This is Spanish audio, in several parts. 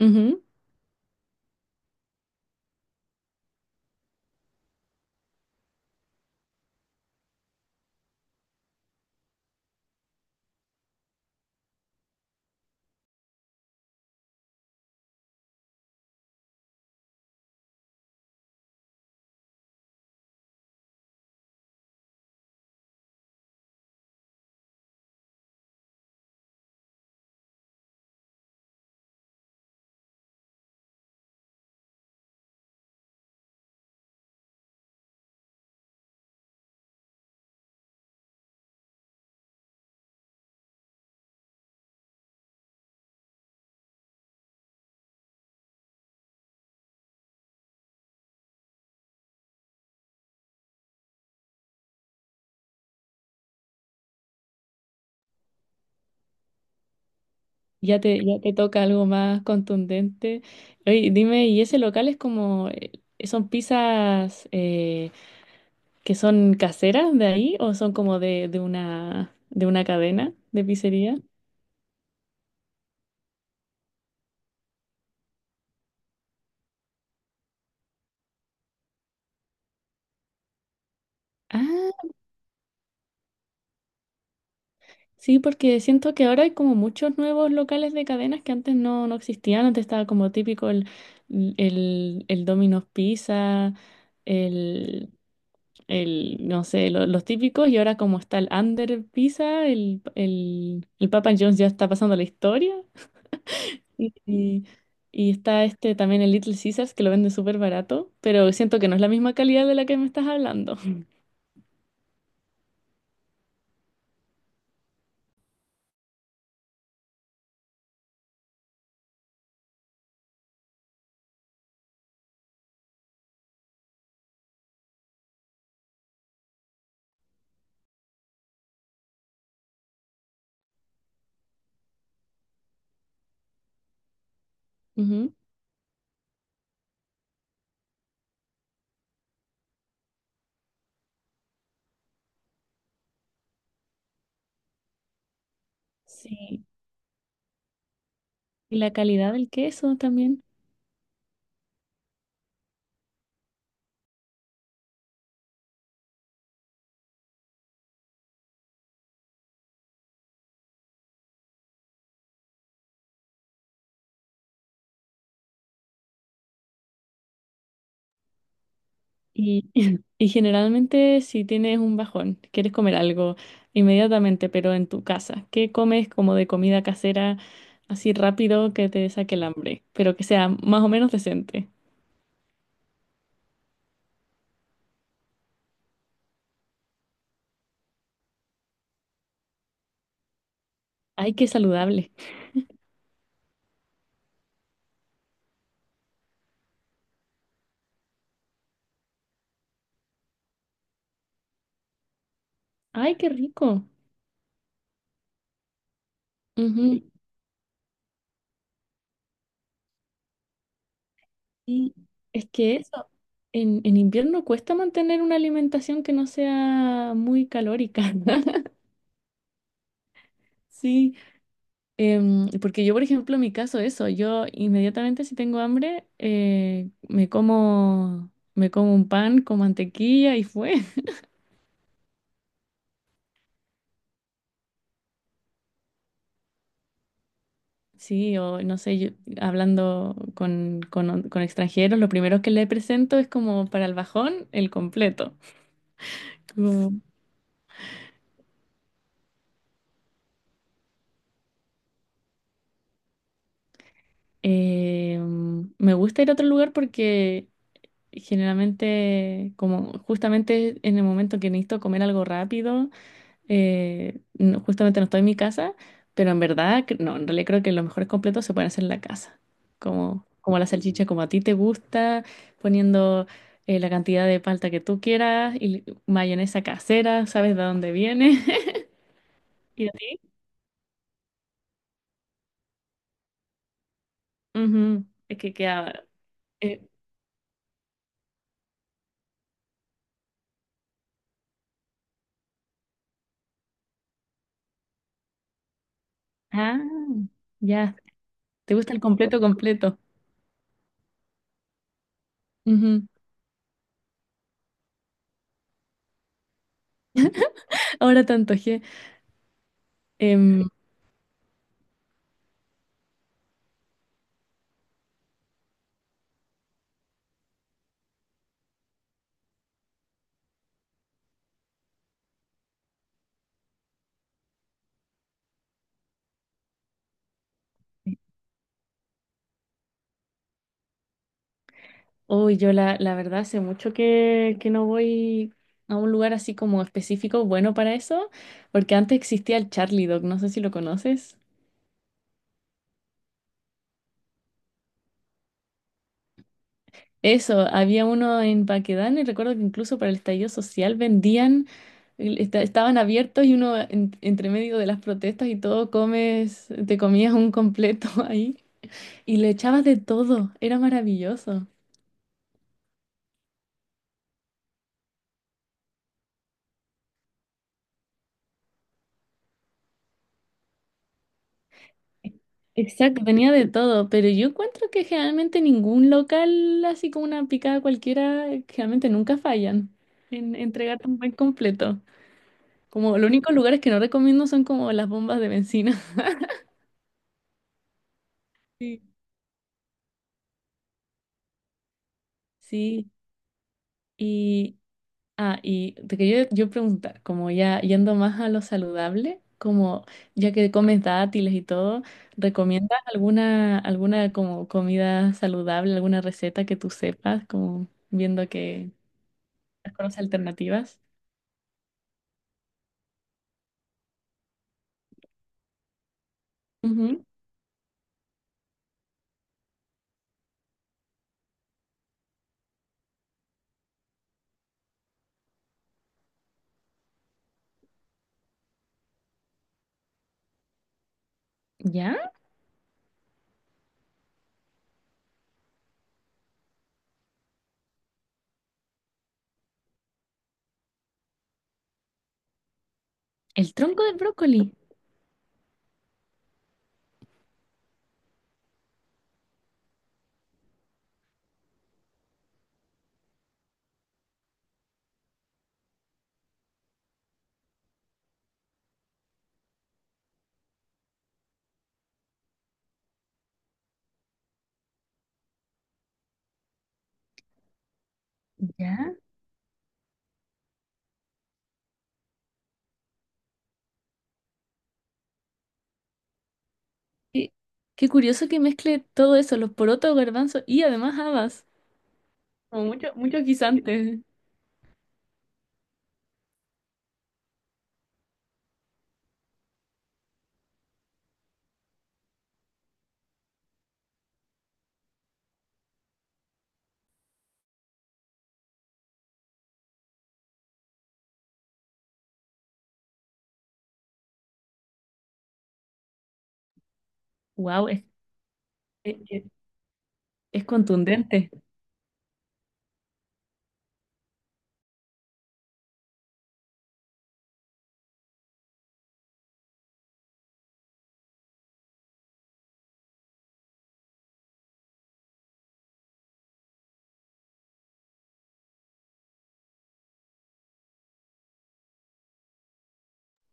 Ujú. Ya te toca algo más contundente. Oye, dime, ¿y ese local es como, son pizzas que son caseras de ahí o son como de una cadena de pizzería? Sí, porque siento que ahora hay como muchos nuevos locales de cadenas que antes no existían. Antes estaba como típico el Domino's Pizza, el, no sé, lo- los típicos. Y ahora como está el Under Pizza, el Papa John's ya está pasando la historia. Y, y- y está este también el Little Caesars que lo vende súper barato, pero siento que no es la misma calidad de la que me estás hablando. Ujú. Sí, y la calidad del queso también. Y, y generalmente si tienes un bajón, quieres comer algo inmediatamente, pero en tu casa, ¿qué comes como de comida casera así rápido que te saque el hambre, pero que sea más o menos decente? Ay, qué saludable. Ay, qué rico. Ujú. Y es que eso, en invierno cuesta mantener una alimentación que no sea muy calórica. Sí. Em, porque yo, por ejemplo, en mi caso, eso, yo inmediatamente si tengo hambre, me como un pan con mantequilla y fue. Sí, o no sé, yo, hablando con extranjeros, lo primero que le presento es como para el bajón, el completo. Como, me gusta ir a otro lugar porque generalmente, como justamente en el momento que necesito comer algo rápido, justamente no estoy en mi casa, pero en verdad, cre- no, en realidad creo que los mejores completos se pueden hacer en la casa. Como, como la salchicha, como a ti te gusta, poniendo la cantidad de palta que tú quieras y mayonesa casera, sabes de dónde viene. Y a ti, ujú, es que queda. eh, ah, ya, te gusta el completo completo. Ujú. Ahora te antojé. Em, Uy, yo la, la verdad hace mucho que no voy a un lugar así como específico bueno para eso, porque antes existía el Charlie Dog, no sé si lo conoces. Eso, había uno en Paquedano y recuerdo que incluso para el estallido social vendían, estaban abiertos y uno entre medio de las protestas y todo te comías un completo ahí y le echabas de todo, era maravilloso. Exacto, tenía de todo, pero yo encuentro que generalmente ningún local, así como una picada cualquiera, generalmente nunca fallan en entregar tan buen completo. Como los únicos lugares que no recomiendo son como las bombas de bencina. Sí. Sí, y, ah, y te quería yo preguntar, como ya yendo más a lo saludable, como ya que comes dátiles y todo, ¿recomiendas alguna, alguna como comida saludable, alguna receta que tú sepas, como viendo que... con las alternativas? Ujú. ¿Ya? El tronco del brócoli. ¿Ya? Qué, qué curioso que mezcle todo eso, los porotos, garbanzos y además habas. Como mucho, mucho guisante. Wow, es es contundente.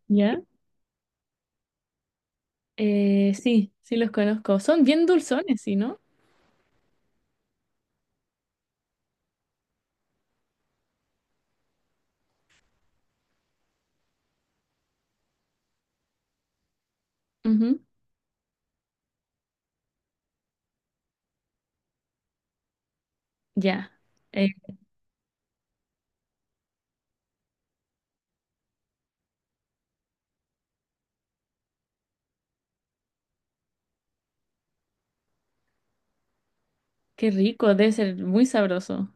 ¿Ya? Sí, sí los conozco. Son bien dulzones, ¿sí, no? Ujú. Ya. Eh, qué rico, debe ser muy sabroso.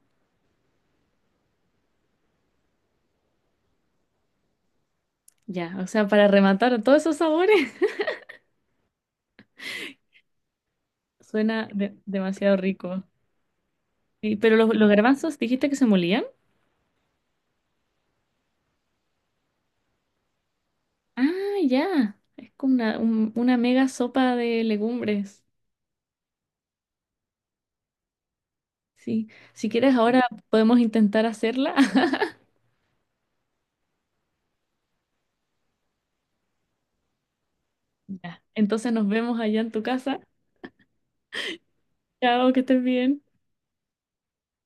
Ya, o sea, para rematar todos esos sabores, suena demasiado rico. Sí, pero los garbanzos, dijiste que se molían. Ah, ya. Es como una mega sopa de legumbres. Sí. Si quieres, ahora podemos intentar hacerla. Ya. Entonces nos vemos allá en tu casa. Chao, que estés bien.